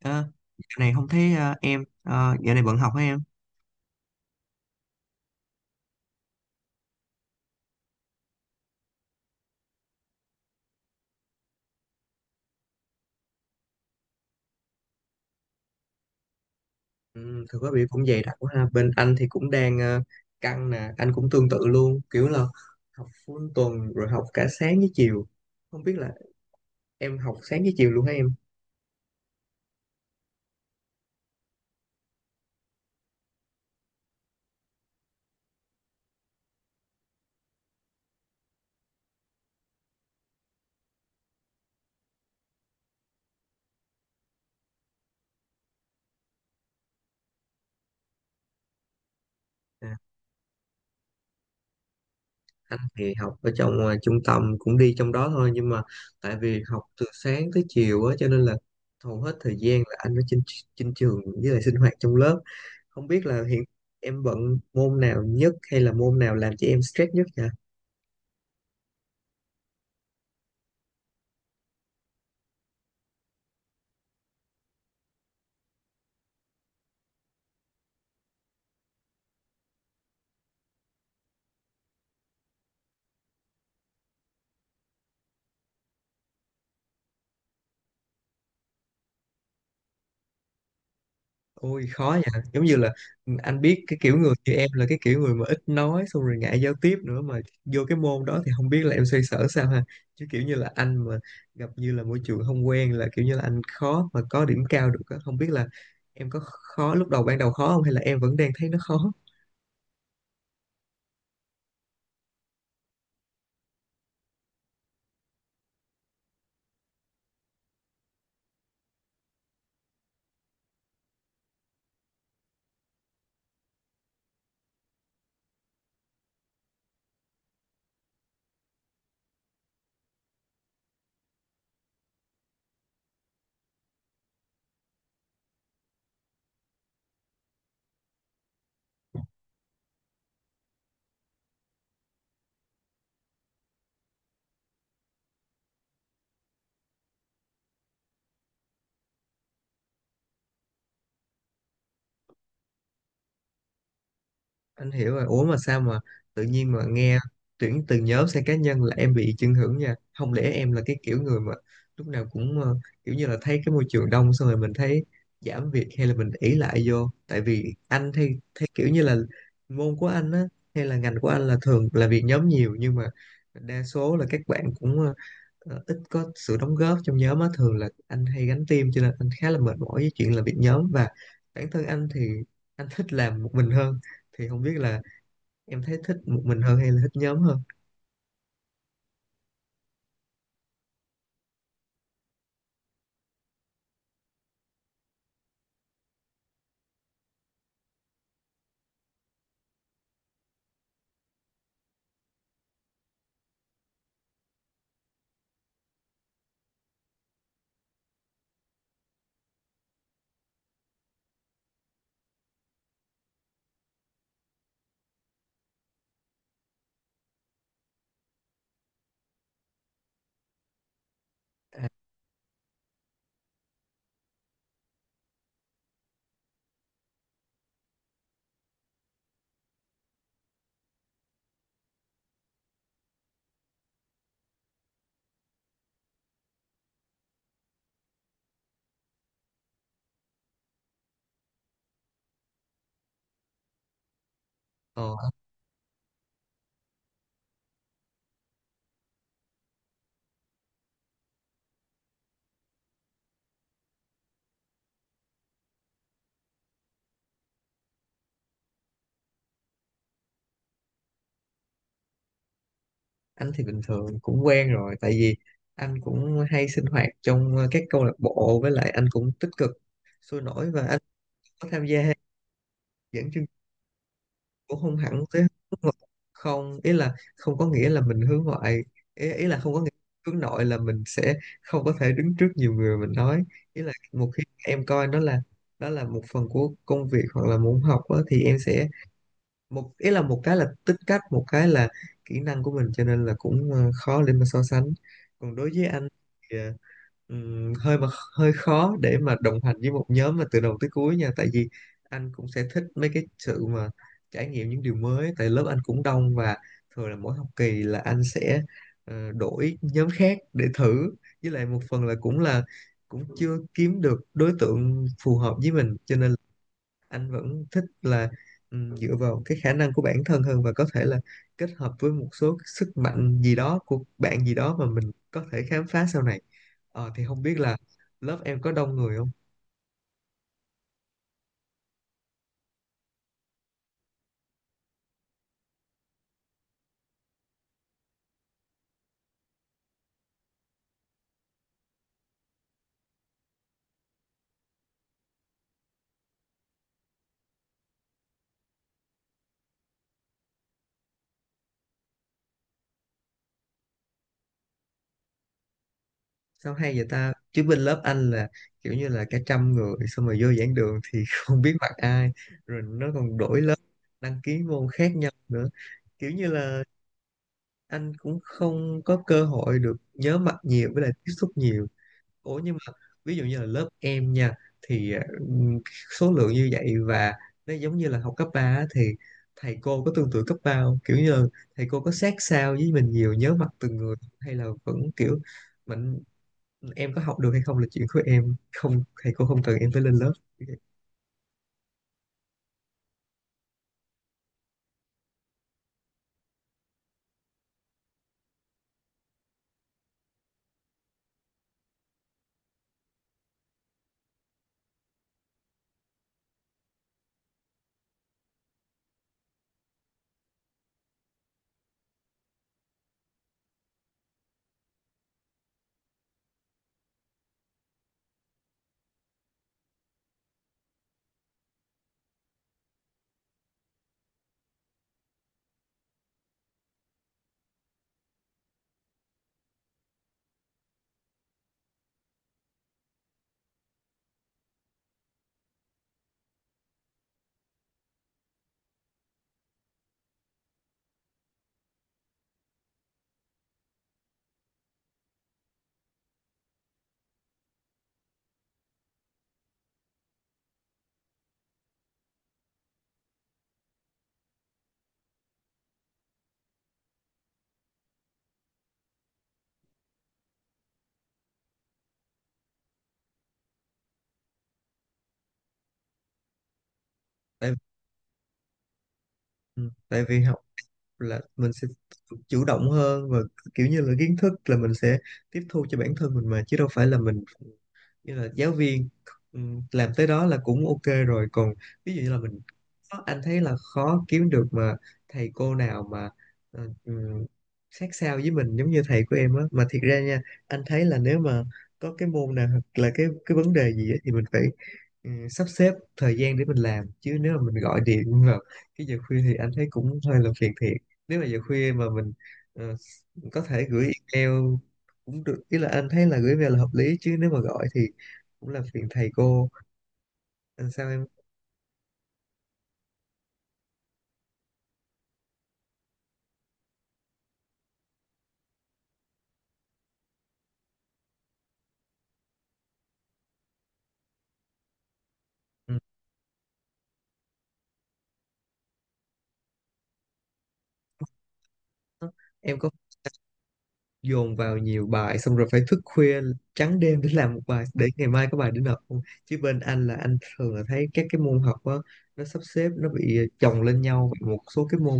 Ờ, dạo này không thấy em. Ờ, dạo này bận học hả em? Ừ, thực ra bị cũng dày đặc quá ha. Bên anh thì cũng đang căng nè, anh cũng tương tự luôn, kiểu là học full tuần rồi học cả sáng với chiều. Không biết là em học sáng với chiều luôn hả em? À, anh thì học ở trong trung tâm, cũng đi trong đó thôi, nhưng mà tại vì học từ sáng tới chiều á, cho nên là hầu hết thời gian là anh ở trên trên trường với lại sinh hoạt trong lớp. Không biết là hiện em bận môn nào nhất hay là môn nào làm cho em stress nhất nhỉ? Ôi khó nha, giống như là anh biết cái kiểu người như em là cái kiểu người mà ít nói xong rồi ngại giao tiếp nữa, mà vô cái môn đó thì không biết là em xoay sở sao ha. Chứ kiểu như là anh mà gặp như là môi trường không quen là kiểu như là anh khó mà có điểm cao được á. Không biết là em có khó lúc đầu, ban đầu khó không, hay là em vẫn đang thấy nó khó? Anh hiểu rồi. Ủa mà sao mà tự nhiên mà nghe tuyển từ nhóm sang cá nhân là em bị chưng hưởng nha. Không lẽ em là cái kiểu người mà lúc nào cũng kiểu như là thấy cái môi trường đông xong rồi mình thấy giảm việc, hay là mình ỷ lại vô. Tại vì anh thì thấy kiểu như là môn của anh á, hay là ngành của anh là thường là việc nhóm nhiều, nhưng mà đa số là các bạn cũng ít có sự đóng góp trong nhóm á, thường là anh hay gánh team, cho nên anh khá là mệt mỏi với chuyện làm việc nhóm, và bản thân anh thì anh thích làm một mình hơn. Thì không biết là em thấy thích một mình hơn hay là thích nhóm hơn? Ờ, anh thì bình thường cũng quen rồi, tại vì anh cũng hay sinh hoạt trong các câu lạc bộ, với lại anh cũng tích cực sôi nổi và anh có tham gia dẫn chương. Cũng không hẳn tới hướng ngoại, không, ý là không có nghĩa là mình hướng ngoại. Ý là không có nghĩa hướng nội là mình sẽ không có thể đứng trước nhiều người mình nói. Ý là một khi em coi nó là đó là một phần của công việc hoặc là môn học á, thì em sẽ một, ý là một cái là tính cách, một cái là kỹ năng của mình, cho nên là cũng khó để mà so sánh. Còn đối với anh thì hơi mà hơi khó để mà đồng hành với một nhóm mà từ đầu tới cuối nha, tại vì anh cũng sẽ thích mấy cái sự mà trải nghiệm những điều mới, tại lớp anh cũng đông và thường là mỗi học kỳ là anh sẽ đổi nhóm khác để thử, với lại một phần là cũng chưa kiếm được đối tượng phù hợp với mình, cho nên anh vẫn thích là dựa vào cái khả năng của bản thân hơn và có thể là kết hợp với một số cái sức mạnh gì đó của bạn gì đó mà mình có thể khám phá sau này. Thì không biết là lớp em có đông người không? Sao hay vậy ta, chứ bên lớp anh là kiểu như là cả trăm người, xong rồi vô giảng đường thì không biết mặt ai, rồi nó còn đổi lớp, đăng ký môn khác nhau nữa, kiểu như là anh cũng không có cơ hội được nhớ mặt nhiều với lại tiếp xúc nhiều. Ủa nhưng mà ví dụ như là lớp em nha, thì ừm, số lượng như vậy và nó giống như là học cấp 3 á, thì thầy cô có tương tự cấp 3 không? Kiểu như là thầy cô có sát sao với mình nhiều, nhớ mặt từng người, hay là vẫn kiểu mình, em có học được hay không là chuyện của em, không thầy cô không cần em phải lên lớp. Tại ừ, tại vì học là mình sẽ chủ động hơn và kiểu như là kiến thức là mình sẽ tiếp thu cho bản thân mình mà, chứ đâu phải là mình, nghĩa là giáo viên làm tới đó là cũng ok rồi. Còn ví dụ như là mình anh thấy là khó kiếm được mà thầy cô nào mà ờ, ừm, sát sao với mình giống như thầy của em á, mà thiệt ra nha, anh thấy là nếu mà có cái môn nào hoặc là cái vấn đề gì á, thì mình phải sắp xếp thời gian để mình làm, chứ nếu mà mình gọi điện vào cái giờ khuya thì anh thấy cũng hơi là phiền thiệt. Nếu mà giờ khuya mà mình ờ, có thể gửi email cũng được, ý là anh thấy là gửi email là hợp lý, chứ nếu mà gọi thì cũng là phiền thầy cô. Anh sao em? Ừ, em có dồn vào nhiều bài xong rồi phải thức khuya trắng đêm để làm một bài để ngày mai có bài để nộp không? Chứ bên anh là anh thường là thấy các cái môn học á, nó sắp xếp nó bị chồng lên nhau một số cái môn.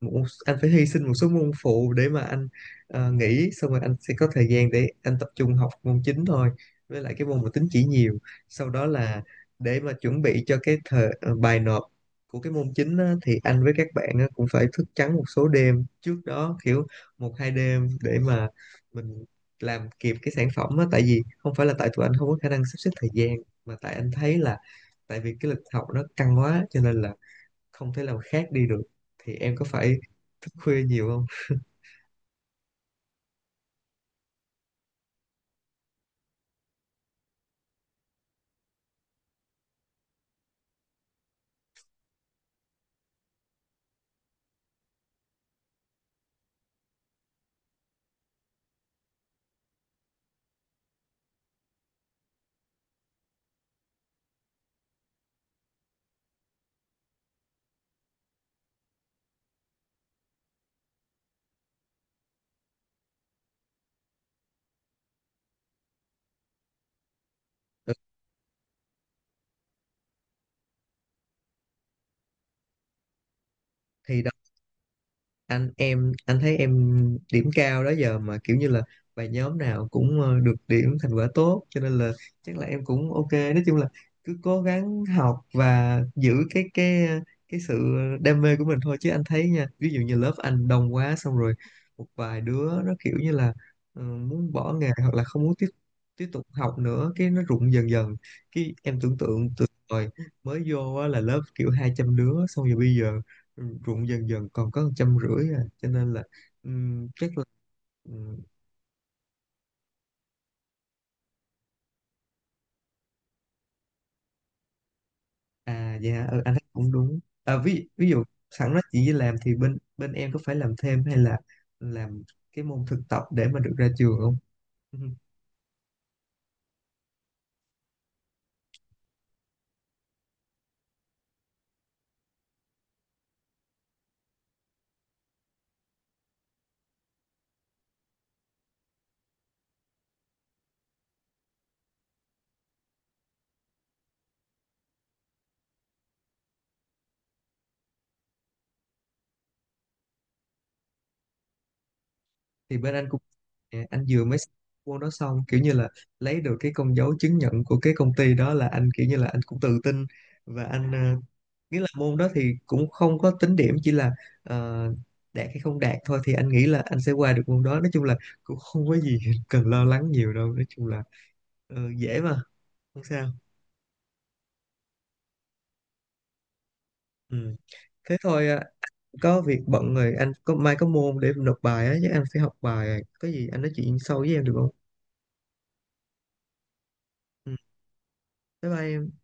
Anh phải hy sinh một số môn phụ để mà anh nghỉ, xong rồi anh sẽ có thời gian để anh tập trung học môn chính thôi, với lại cái môn mà tính chỉ nhiều. Sau đó là để mà chuẩn bị cho cái thời bài nộp của cái môn chính á, thì anh với các bạn á, cũng phải thức trắng một số đêm trước đó, kiểu một hai đêm để mà mình làm kịp cái sản phẩm á, tại vì không phải là tại tụi anh không có khả năng sắp xếp thời gian, mà tại anh thấy là tại vì cái lịch học nó căng quá, cho nên là không thể làm khác đi được. Thì em có phải thức khuya nhiều không? Ừ, thì đó, anh em anh thấy em điểm cao đó giờ mà, kiểu như là bài nhóm nào cũng được điểm thành quả tốt, cho nên là chắc là em cũng ok. Nói chung là cứ cố gắng học và giữ cái cái sự đam mê của mình thôi. Chứ anh thấy nha, ví dụ như lớp anh đông quá xong rồi một vài đứa nó kiểu như là muốn bỏ nghề hoặc là không muốn tiếp tiếp tục học nữa, cái nó rụng dần dần. Cái em tưởng tượng từ hồi mới vô á, là lớp kiểu 200 đứa, xong rồi bây giờ ruộng dần dần còn có 150 à, cho nên là chắc là ừm, À dạ ừ, anh thấy cũng đúng. À, ví ví dụ sẵn nó chỉ làm, thì bên bên em có phải làm thêm hay là làm cái môn thực tập để mà được ra trường không? Ừ. Thì bên anh cũng anh vừa mới xong môn đó, xong kiểu như là lấy được cái con dấu chứng nhận của cái công ty đó là anh kiểu như là anh cũng tự tin. Và anh nghĩa là môn đó thì cũng không có tính điểm, chỉ là ờ, đạt hay không đạt thôi, thì anh nghĩ là anh sẽ qua được môn đó. Nói chung là cũng không có gì cần lo lắng nhiều đâu, nói chung là dễ mà, không sao. Ừ. Thế thôi à, có việc bận rồi, anh có mai có môn để nộp bài á, chứ anh phải học bài, có gì anh nói chuyện sau với em được không? Ừ. Bye bye em.